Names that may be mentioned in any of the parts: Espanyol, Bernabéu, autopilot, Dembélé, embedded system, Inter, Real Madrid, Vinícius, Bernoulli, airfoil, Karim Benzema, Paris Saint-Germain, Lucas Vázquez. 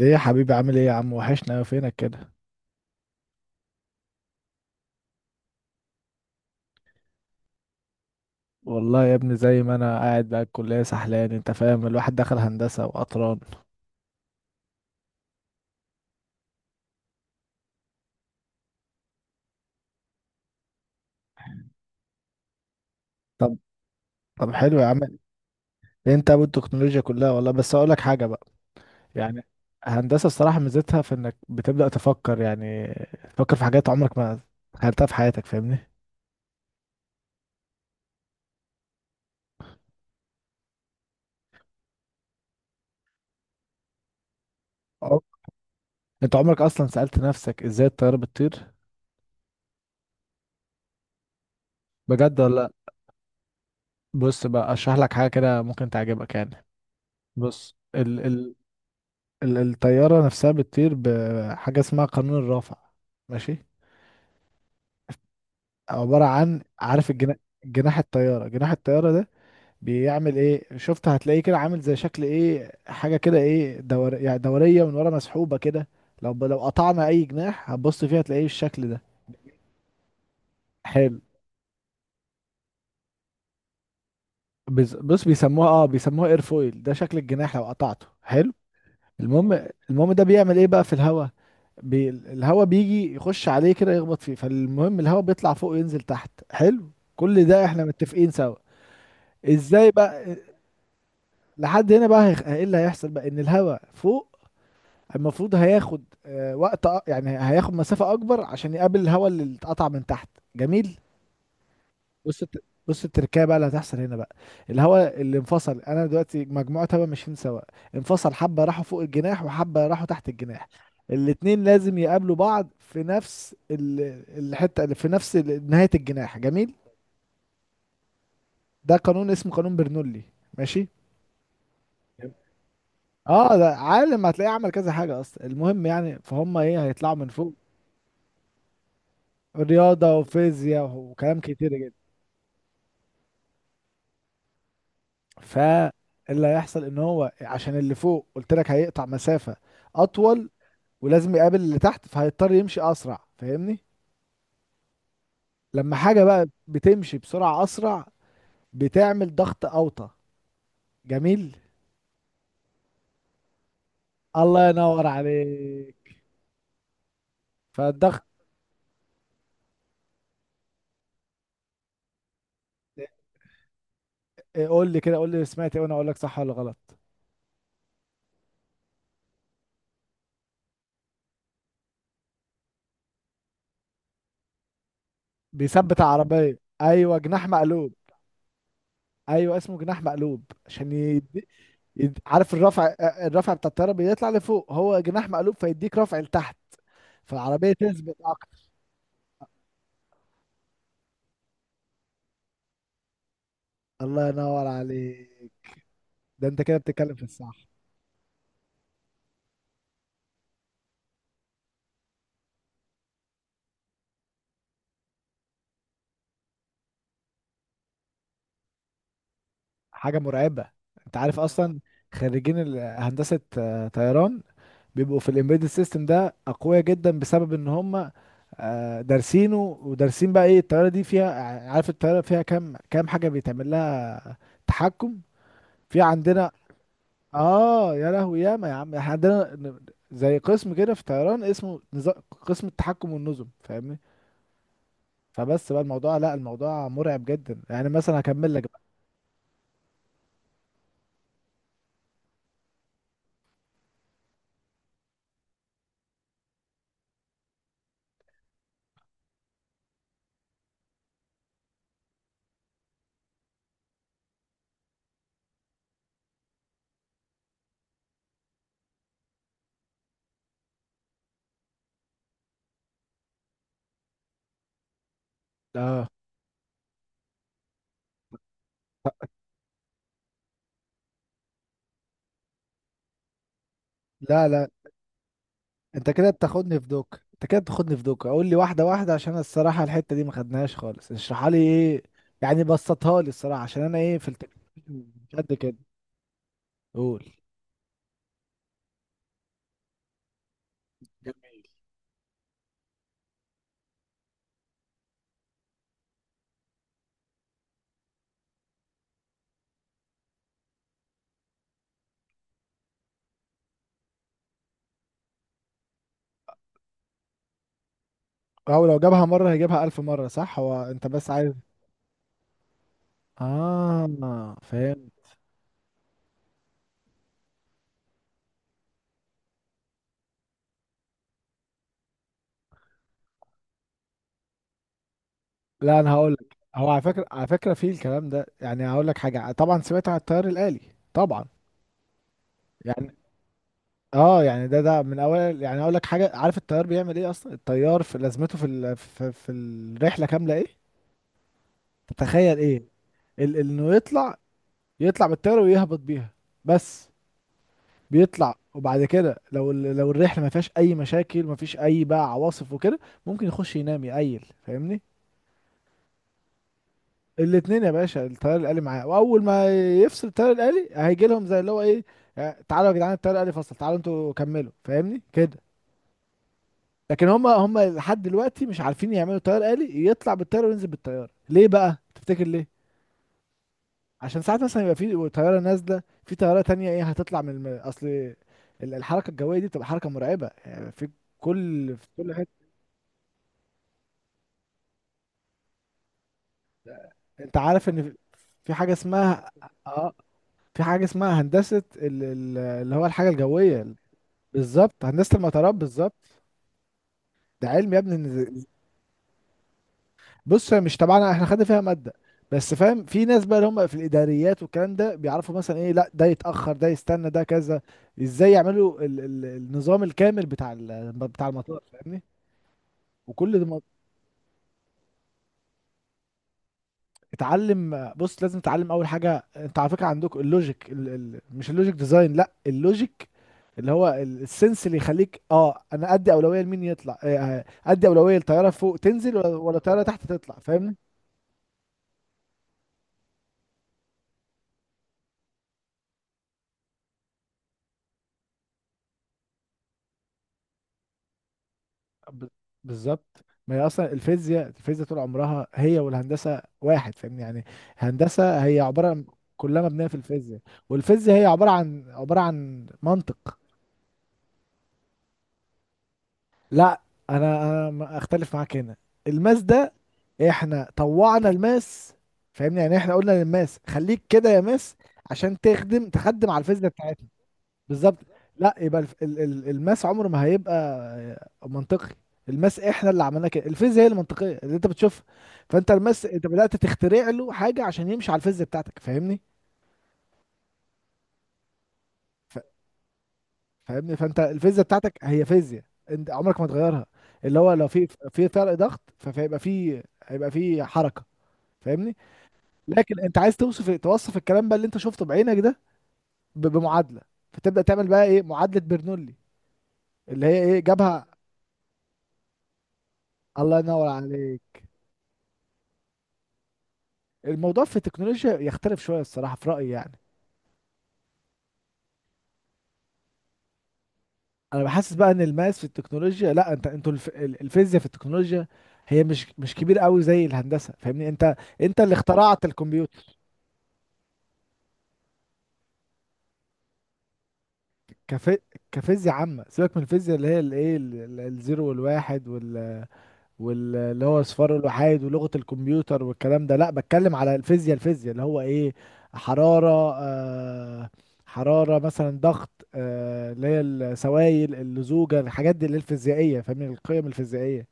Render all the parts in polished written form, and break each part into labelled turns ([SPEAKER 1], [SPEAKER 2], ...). [SPEAKER 1] ايه يا حبيبي، عامل ايه يا عم؟ وحشنا أوي، فينك كده؟ والله يا ابني، زي ما انا قاعد بقى الكليه سحلان. انت فاهم؟ الواحد دخل هندسه وقطران. طب طب حلو يا عم. انت ابو التكنولوجيا كلها والله، بس اقول لك حاجه بقى. يعني هندسه الصراحه ميزتها في انك بتبدا تفكر يعني، تفكر في حاجات عمرك ما تخيلتها في حياتك، فاهمني؟ أه. انت عمرك اصلا سالت نفسك ازاي الطياره بتطير؟ بجد ولا لأ؟ بص بقى اشرح لك حاجه كده ممكن تعجبك يعني. بص الطيارة نفسها بتطير بحاجة اسمها قانون الرافع، ماشي؟ عبارة عن، عارف جناح الطيارة ده بيعمل ايه؟ شفت، هتلاقيه كده عامل زي شكل ايه، حاجة كده، ايه يعني دورية من ورا مسحوبة كده. لو قطعنا اي جناح هتبص فيها تلاقيه الشكل ده. حلو. بص، بيسموها ايرفويل، ده شكل الجناح لو قطعته. حلو. المهم. المهم ده بيعمل ايه بقى في الهواء؟ الهواء بيجي يخش عليه كده يخبط فيه، فالمهم الهواء بيطلع فوق وينزل تحت. حلو، كل ده احنا متفقين سوا. ازاي بقى؟ لحد هنا بقى ايه اللي هيحصل بقى؟ ان الهواء فوق المفروض هياخد وقت، يعني هياخد مسافة اكبر عشان يقابل الهواء اللي اتقطع من تحت. جميل. بص التركية بقى اللي هتحصل هنا بقى. الهواء اللي انفصل، انا دلوقتي مجموعة هواء ماشيين سوا، انفصل حبة راحوا فوق الجناح وحبة راحوا تحت الجناح. الاتنين لازم يقابلوا بعض في نفس الحتة، اللي في نفس نهاية الجناح. جميل. ده قانون اسمه قانون برنولي، ماشي؟ جميل. اه ده عالم هتلاقيه عمل كذا حاجة اصلا. المهم يعني فهم ايه هيطلعوا من فوق، رياضة وفيزياء وكلام كتير جدا. فاللي هيحصل ان هو عشان اللي فوق قلت لك هيقطع مسافة اطول، ولازم يقابل اللي تحت فهيضطر يمشي اسرع، فاهمني؟ لما حاجه بقى بتمشي بسرعه اسرع بتعمل ضغط اوطى. جميل، الله ينور عليك. فالضغط. إيه، قول لي كده، قول لي سمعت ايه وانا اقول لك صح ولا غلط. بيثبت العربيه، ايوه جناح مقلوب. ايوه اسمه جناح مقلوب عشان عارف الرفع، الرفع بتاع الطياره بيطلع لفوق، هو جناح مقلوب فيديك رفع لتحت. فالعربيه تثبت اكتر. الله ينور عليك، ده انت كده بتتكلم في الصح. حاجة مرعبة. انت عارف اصلا خريجين هندسة طيران بيبقوا في الامبيدد سيستم ده اقوياء جدا، بسبب ان هم دارسينه ودارسين بقى ايه الطيارة دي فيها. عارف الطيارة فيها كام حاجة بيتعمل لها تحكم؟ في عندنا، اه يا لهوي ياما يا عم، احنا عندنا زي قسم كده في طيران اسمه قسم التحكم والنظم، فاهمني؟ فبس بقى الموضوع، لا الموضوع مرعب جدا يعني، مثلا هكمل لك بقى. اه، لا لا انت كده بتاخدني في دوك، انت كده بتاخدني في دوك، اقول لي واحده واحده عشان الصراحه الحته دي ما خدناهاش خالص. اشرحها لي ايه يعني، بسطها لي الصراحه عشان انا ايه في التكنولوجيا مش قد كده. قول. جميل. او لو جابها مره هيجيبها الف مره، صح؟ هو انت بس عايز. اه فاهم. لا انا هقول لك، هو على فكره في الكلام ده يعني، هقول لك حاجه. طبعا سمعت عن التيار الآلي؟ طبعا. يعني اه يعني ده من اول يعني، اقول لك حاجه، عارف التيار بيعمل ايه اصلا؟ التيار في لازمته في في الرحله كامله ايه تتخيل ايه؟ انه يطلع، يطلع بالطياره ويهبط بيها، بس. بيطلع وبعد كده لو لو الرحله ما فيهاش اي مشاكل، ما فيش اي بقى عواصف وكده، ممكن يخش ينام يقيل، فاهمني؟ الاتنين يا باشا، الطيار الآلي معاه، واول ما يفصل الطيار الآلي هيجي لهم زي اللي هو ايه، تعالوا يا جدعان الطيار الآلي فصل، تعالوا انتوا كملوا، فاهمني كده؟ لكن هم لحد دلوقتي مش عارفين يعملوا طيار آلي يطلع بالطياره وينزل بالطياره. ليه بقى تفتكر ليه؟ عشان ساعات مثلا يبقى في طياره نازله في طياره تانية، ايه هتطلع من اصل الحركه الجويه دي بتبقى حركه مرعبه يعني، في كل حته. انت عارف ان في في حاجه اسمها، اه في حاجه اسمها هندسه اللي هو الحاجه الجويه. بالظبط، هندسه المطارات بالظبط. ده علم يا ابني. بص هي مش تبعنا، احنا خدنا فيها ماده بس. فاهم، في ناس بقى اللي هم في الاداريات والكلام ده بيعرفوا مثلا ايه، لا ده يتاخر ده يستنى ده كذا، ازاي يعملوا ال النظام الكامل بتاع ال بتاع المطار فاهمني؟ وكل ده اتعلم، بص لازم تتعلم اول حاجه. انت على فكره عندكم اللوجيك، ال ال مش اللوجيك ديزاين، لا اللوجيك اللي هو السنس اللي يخليك اه انا ادي اولويه لمين يطلع، ادي اولويه للطياره فوق تنزل ولا الطياره تحت تطلع، فاهمني؟ ب- بالظبط. ما هي اصلا الفيزياء، الفيزياء طول عمرها هي والهندسه واحد، فاهمني يعني. هندسه هي عباره عن، كلها مبنيه في الفيزياء. والفيزياء هي عباره عن منطق. لا انا اختلف معاك هنا. الماس ده، احنا طوعنا الماس، فاهمني يعني. احنا قلنا للماس خليك كده يا ماس عشان تخدم، تخدم على الفيزياء بتاعتنا. بالظبط. لا، يبقى الماس عمره ما هيبقى منطقي. الماس احنا اللي عملناه كده، الفيزياء هي المنطقيه اللي انت بتشوفها. فانت الماس انت بدات تخترع له حاجه عشان يمشي على الفيزياء بتاعتك، فاهمني؟ فاهمني، فانت الفيزياء بتاعتك هي فيزياء، انت عمرك ما تغيرها، اللي هو لو في، في فرق ضغط فهيبقى في هيبقى في حركه فاهمني؟ لكن انت عايز توصف، توصف الكلام بقى اللي انت شفته بعينك ده بمعادله. فتبدا تعمل بقى ايه، معادله برنولي اللي هي ايه جابها. الله ينور عليك. الموضوع في التكنولوجيا يختلف شويه الصراحه، في رايي يعني. انا بحسس بقى ان الماس في التكنولوجيا، لا انت انتوا الفيزياء في التكنولوجيا هي مش كبير قوي زي الهندسه، فاهمني؟ انت اللي اخترعت الكمبيوتر. كف... كفيزياء عامه، سيبك من الفيزياء اللي هي الايه الزيرو والواحد وال، واللي هو اصفار الوحيد ولغة الكمبيوتر والكلام ده. لا بتكلم على الفيزياء، الفيزياء اللي هو ايه، حرارة، حرارة مثلا، ضغط، اللي هي السوائل، اللزوجة، الحاجات دي اللي هي الفيزيائية، فاهمني؟ القيم الفيزيائية.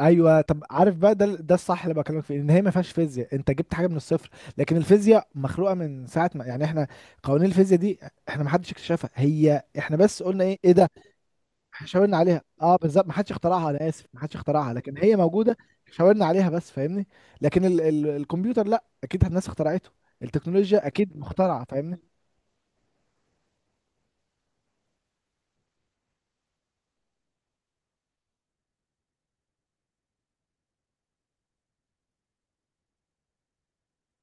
[SPEAKER 1] ايوه طب عارف بقى، ده الصح اللي بكلمك فيه، ان هي ما فيهاش فيزياء، انت جبت حاجه من الصفر. لكن الفيزياء مخلوقه من ساعه ما يعني احنا، قوانين الفيزياء دي احنا ما حدش اكتشفها، هي احنا بس قلنا ايه، ايه ده إحنا شاورنا عليها. اه بالظبط، ما حدش اخترعها، انا اسف ما حدش اخترعها، لكن هي موجوده، شاورنا عليها بس، فاهمني؟ لكن ال ال الكمبيوتر لا، اكيد الناس اخترعته، التكنولوجيا اكيد مخترعه، فاهمني؟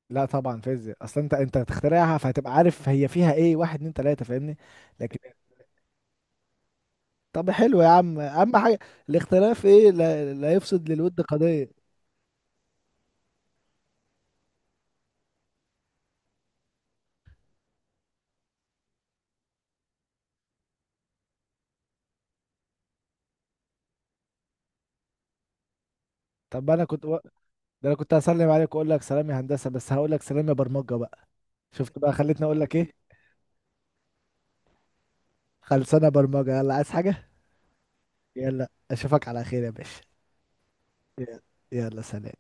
[SPEAKER 1] لا طبعا فيزياء اصلا، انت هتخترعها فهتبقى عارف هي فيها ايه، واحد اتنين تلاته، فاهمني؟ لكن طب حلو يا عم، اهم حاجه الاختلاف ايه، لا, لا يفسد للود قضيه. طب انا كنت ده انا كنت هسلم عليك واقول لك سلام يا هندسه، بس هقول لك سلام يا برمجه بقى. شفت بقى، خلتني اقول لك ايه؟ خلصانه برمجه. يلا عايز حاجه؟ يلا اشوفك على خير يا باشا. يلا. يلا سلام.